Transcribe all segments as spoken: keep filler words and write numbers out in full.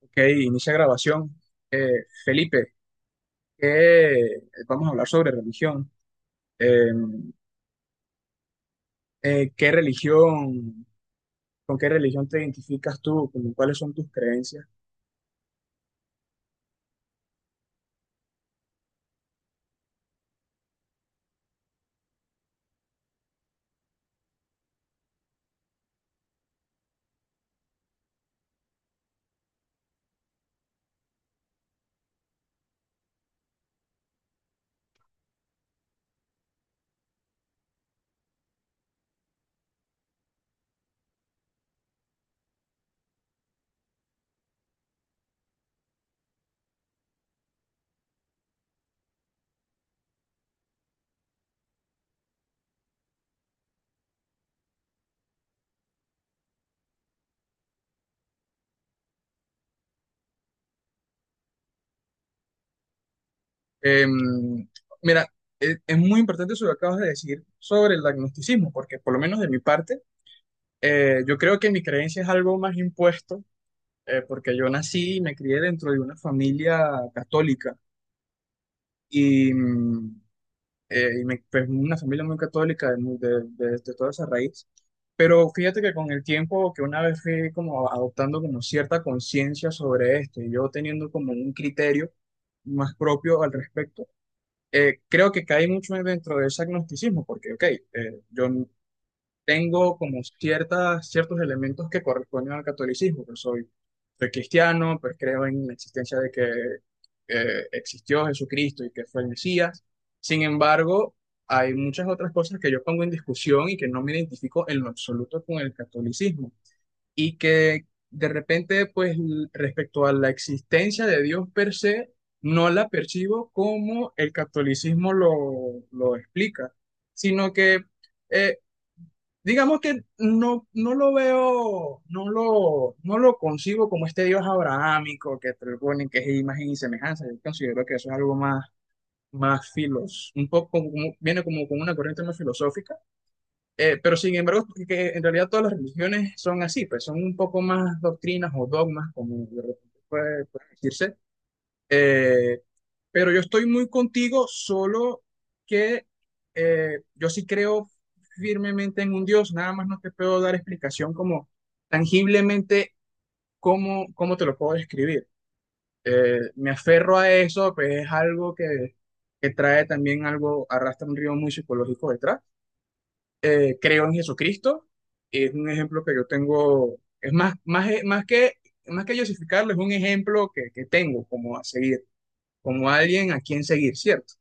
Ok, inicia grabación. Eh, Felipe, ¿qué- vamos a hablar sobre religión. Eh, eh, ¿qué religión, con qué religión te identificas tú? ¿Con ¿cuáles son tus creencias? Eh, mira, es, es muy importante eso que acabas de decir sobre el agnosticismo, porque por lo menos de mi parte, eh, yo creo que mi creencia es algo más impuesto, eh, porque yo nací y me crié dentro de una familia católica. Y, mm, eh, y me- pues, una familia muy católica de, mu- de, de- de toda esa raíz. Pero fíjate que con el tiempo, que una vez fui como adoptando como cierta conciencia sobre esto y yo teniendo como un criterio más propio al respecto, eh, creo que caí mucho dentro de ese agnosticismo, porque, ok, eh, yo tengo como ciertas, ciertos elementos que corresponden al catolicismo, pero soy, soy cristiano, pues creo en la existencia de que eh, existió Jesucristo y que fue el Mesías. Sin embargo, hay muchas otras cosas que yo pongo en discusión y que no me identifico en lo absoluto con el catolicismo y que de repente, pues l- respecto a la existencia de Dios per se, no la percibo como el catolicismo lo, lo explica, sino que... eh, digamos que no, no lo veo, no lo, no lo concibo como este Dios abrahámico que propone que es imagen y semejanza. Yo considero que eso es algo más, más filos, un poco como- como- viene como con una corriente más filosófica. Eh, pero sin embargo, que en realidad todas las religiones son así, pues son un poco más doctrinas o dogmas, como de repente puede, puede decirse. eh, pero yo estoy muy contigo, solo que eh, yo sí creo firmemente en un Dios, nada más no te puedo dar explicación como tangiblemente cómo, cómo te lo puedo describir. Eh, me aferro a eso, pues es algo que, que trae también algo, arrastra un río muy psicológico detrás. Eh, creo en Jesucristo, es un ejemplo que yo tengo, es más, más, más que, más que justificarlo, es un ejemplo que, que tengo como a seguir, como alguien a quien seguir, ¿cierto?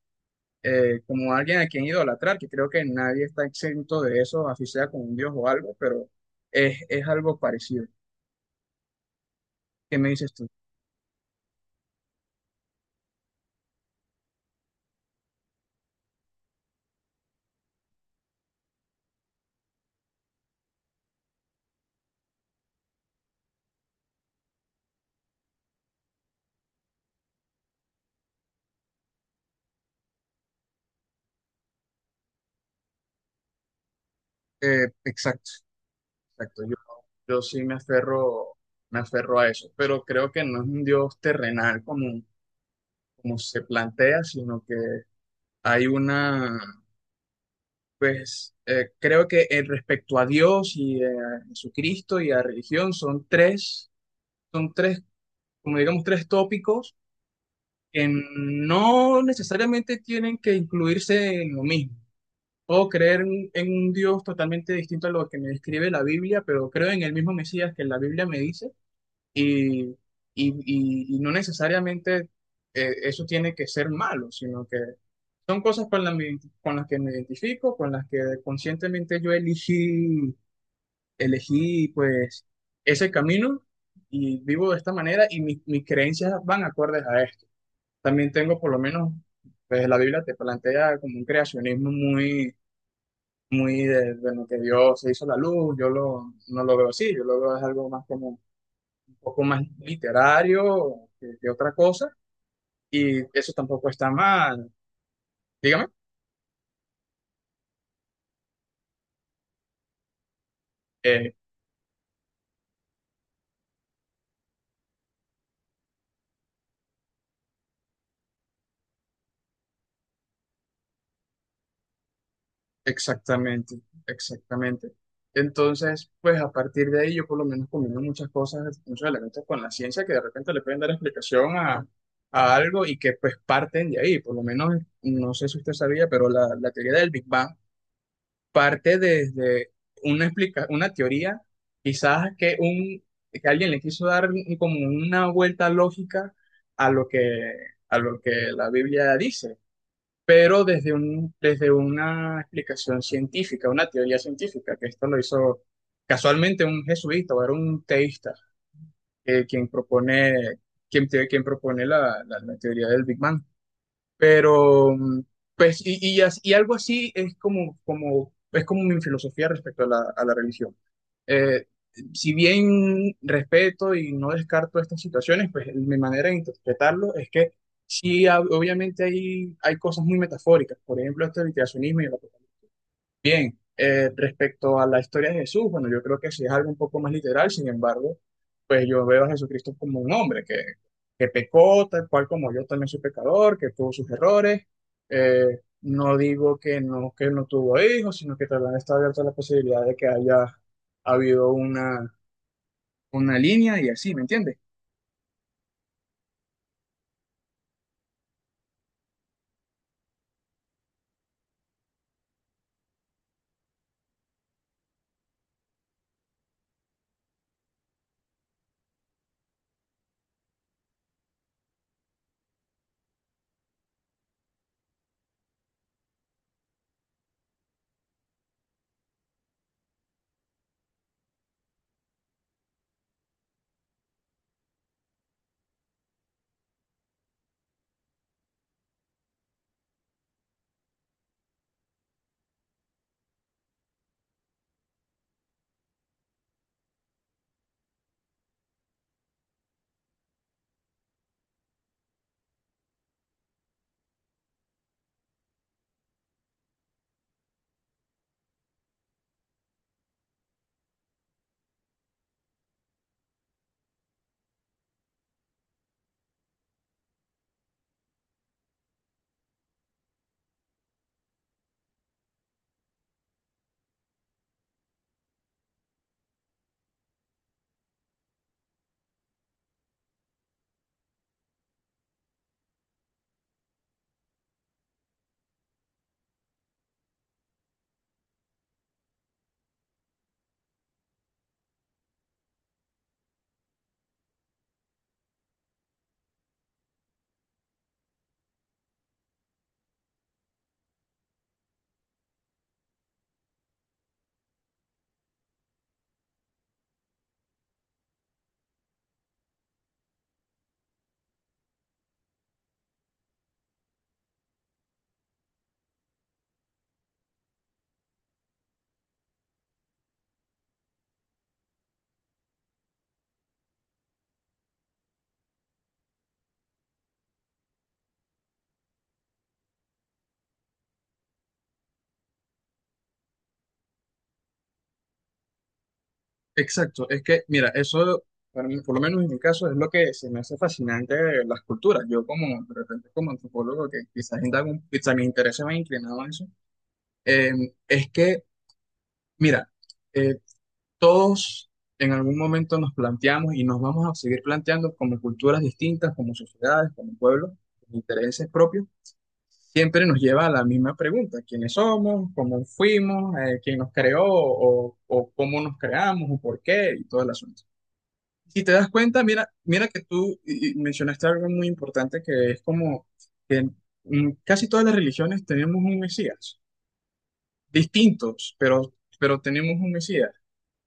Eh, como alguien a quien idolatrar, que creo que nadie está exento de eso, así sea con un dios o algo, pero es, es algo parecido. ¿Qué me dices tú? Eh, exacto, exacto. Yo, yo sí me aferro, me aferro a eso, pero creo que no es un dios terrenal como, como se plantea, sino que hay una, pues, eh, creo que eh, respecto a Dios y eh, a Jesucristo y a religión son tres, son tres, como digamos, tres tópicos que no necesariamente tienen que incluirse en lo mismo. Puedo creer en, en un Dios totalmente distinto a lo que me describe la Biblia, pero creo en el mismo Mesías que la Biblia me dice y, y- y- y no necesariamente eh, eso tiene que ser malo, sino que son cosas con, la- con las que me identifico, con las que conscientemente yo elegí, elegí pues ese camino y vivo de esta manera y mis mis creencias van acordes a esto. También tengo por lo menos, pues la Biblia te plantea como un creacionismo muy, muy de, de lo que Dios se hizo la luz, yo lo, no lo veo así, yo lo veo es algo más como un poco más literario que, que otra cosa, y eso tampoco está mal. Dígame. Exactamente, exactamente. Entonces, pues a partir de ahí yo por lo menos combino muchas cosas, muchos elementos con la ciencia que de repente le pueden dar explicación a, a algo y que pues parten de ahí. Por lo menos, no sé si usted sabía, pero la, la teoría del Big Bang parte desde una, explica una teoría, quizás que, un, que alguien le quiso dar un- como una vuelta lógica a lo que, a lo que la Biblia dice, pero desde un, desde una explicación científica, una teoría científica, que esto lo hizo casualmente un jesuita o era un teísta, eh, quien propone, quien, te- quien propone la, la- la teoría del Big Bang. Pero, mm, pues, y, y, as- y algo así es como, como, es como mi filosofía respecto a la, a la religión. Eh, si bien respeto y no descarto estas situaciones, pues mi manera de interpretarlo es que sí, ob- obviamente hay, hay cosas muy metafóricas. Por ejemplo, este del creacionismo y la bien, eh, respecto a la historia de Jesús, bueno, yo creo que sí es algo un poco más literal. Sin embargo, pues yo veo a Jesucristo como un hombre que, que pecó, tal cual como yo también soy pecador, que tuvo sus errores. Eh, no digo que no, que no tuvo hijos, sino que también está abierta la posibilidad de que haya habido una, una línea y así, ¿me entiendes? Exacto, es que, mira, eso, para mí, por lo menos en mi caso, es lo que se me hace fascinante de las culturas. Yo como, de repente, como antropólogo, que quizás indago un- quizás mi interés se me ha inclinado a eso, eh, es que, mira, eh, todos en algún momento nos planteamos y nos vamos a seguir planteando como culturas distintas, como sociedades, como pueblos, con intereses propios, siempre nos lleva a la misma pregunta. ¿Quiénes somos? ¿Cómo fuimos? Eh, ¿quién nos creó? O, ¿O cómo nos creamos? ¿O por qué? Y todas las, si te das cuenta, mira, mira que tú y- y mencionaste algo muy importante, que es como que en en casi todas las religiones tenemos un Mesías, distintos, pero, pero tenemos un Mesías.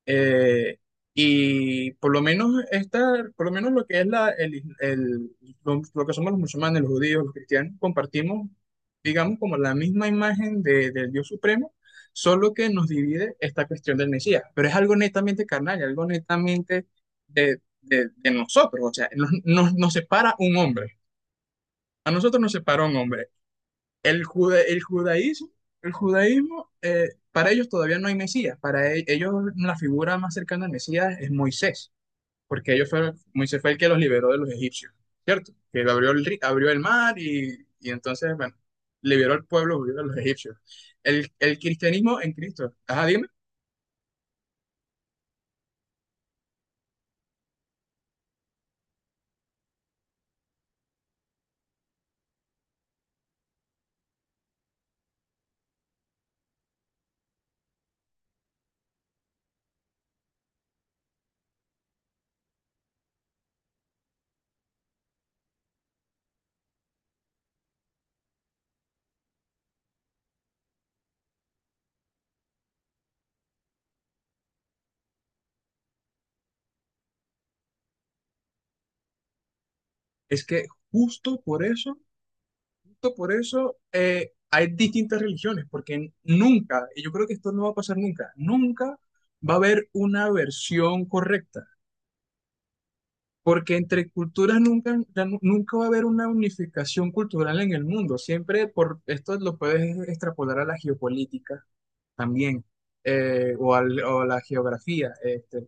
Eh, y por lo menos esta, por lo menos lo que es la, el, is- el- lo, lo que somos los musulmanes, los judíos, los cristianos, compartimos, digamos, como la misma imagen de, del Dios supremo, solo que nos divide esta cuestión del Mesías. Pero es algo netamente carnal, y algo netamente de, de, de nosotros. O sea, nos, nos, nos separa un hombre. A nosotros nos separa un hombre. El, juda- el judaísmo, el judaísmo, eh, para ellos todavía no hay Mesías. Para e- ellos la figura más cercana al Mesías es Moisés, porque ellos fueron, Moisés fue el que los liberó de los egipcios, ¿cierto? Que le abrió el, ri- abrió el mar y, y entonces, bueno, liberó al pueblo, liberó a los egipcios. El, el cristianismo en Cristo, ajá, dime, es que justo por eso, justo por eso, eh, hay distintas religiones, porque nunca, y yo creo que esto no va a pasar nunca, nunca va a haber una versión correcta. Porque entre culturas nunca, ya nu- nunca va a haber una unificación cultural en el mundo. Siempre, por esto lo puedes extrapolar a la geopolítica también, eh, o, al- o a la geografía. Este,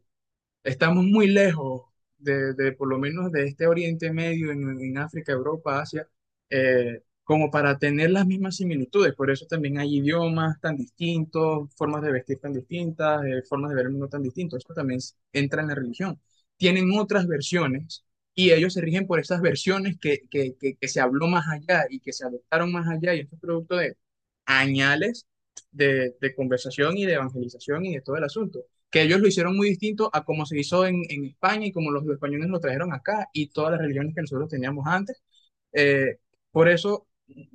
estamos muy lejos de, de por lo menos de este Oriente Medio, en, en África, Europa, Asia, eh, como para tener las mismas similitudes. Por eso también hay idiomas tan distintos, formas de vestir tan distintas, eh, formas de ver el mundo tan distintos. Eso también s- entra en la religión. Tienen otras versiones y ellos se rigen por esas versiones que, que, que, que se habló más allá y que se adoptaron más allá, y esto es producto de añales de, de conversación y de evangelización y de todo el asunto, que ellos lo hicieron muy distinto a como se hizo en, en España y como los españoles lo trajeron acá y todas las religiones que nosotros teníamos antes. Eh, por eso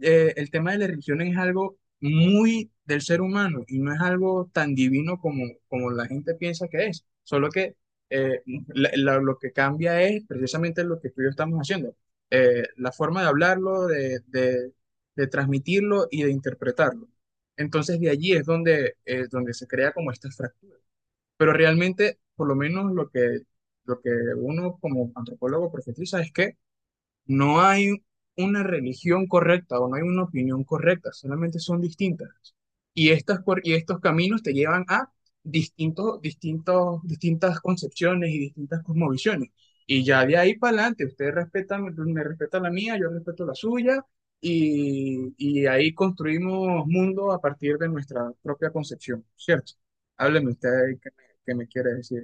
eh, el tema de la religión es algo muy del ser humano y no es algo tan divino como, como la gente piensa que es, solo que eh, la- la- lo que cambia es precisamente lo que tú y yo estamos haciendo, eh, la forma de hablarlo, de, de- de transmitirlo y de interpretarlo. Entonces de allí es donde, eh, donde se crea como estas fracturas, pero realmente, por lo menos lo que, lo que uno como antropólogo profetiza es que no hay una religión correcta o no hay una opinión correcta, solamente son distintas. Y, estas, cuer- y estos caminos te llevan a distintos, distintos, distintas concepciones y distintas cosmovisiones. Y ya de ahí para adelante, ustedes respetan, me respeta la mía, yo respeto la suya, y, y ahí construimos mundo a partir de nuestra propia concepción, ¿cierto? Hábleme usted, qué me, qué me quiere decir.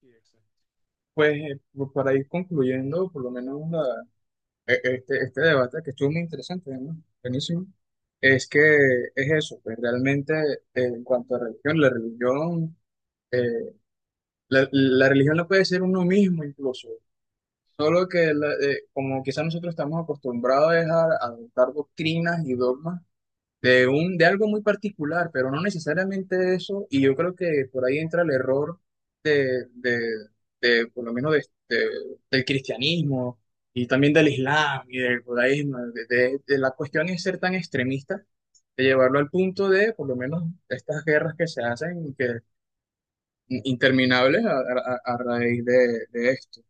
Sí, exacto. Pues eh, por- para ir concluyendo, por lo menos la, e- este, este debate que estuvo muy interesante, ¿no? Buenísimo. Es que es eso, pues, realmente eh, en cuanto a religión, la religión, eh, la, la religión la puede ser uno mismo incluso, solo que la- eh, como quizás nosotros estamos acostumbrados es a, a adoptar doctrinas y dogmas de un, de algo muy particular, pero no necesariamente eso, y yo creo que por ahí entra el error de, de, de, por lo menos de, de- del cristianismo y también del islam y del judaísmo, de, de- de la cuestión es ser tan extremista, de llevarlo al punto de, por lo menos, estas guerras que se hacen, y que interminables a, a- a raíz de, de esto.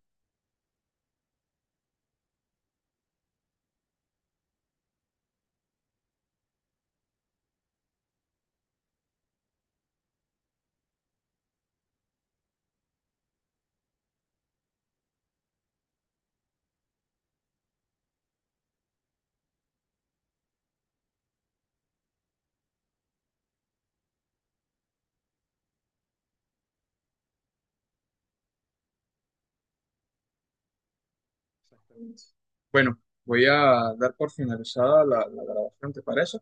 Exactamente. Bueno, voy a dar por finalizada la la grabación, ¿te parece?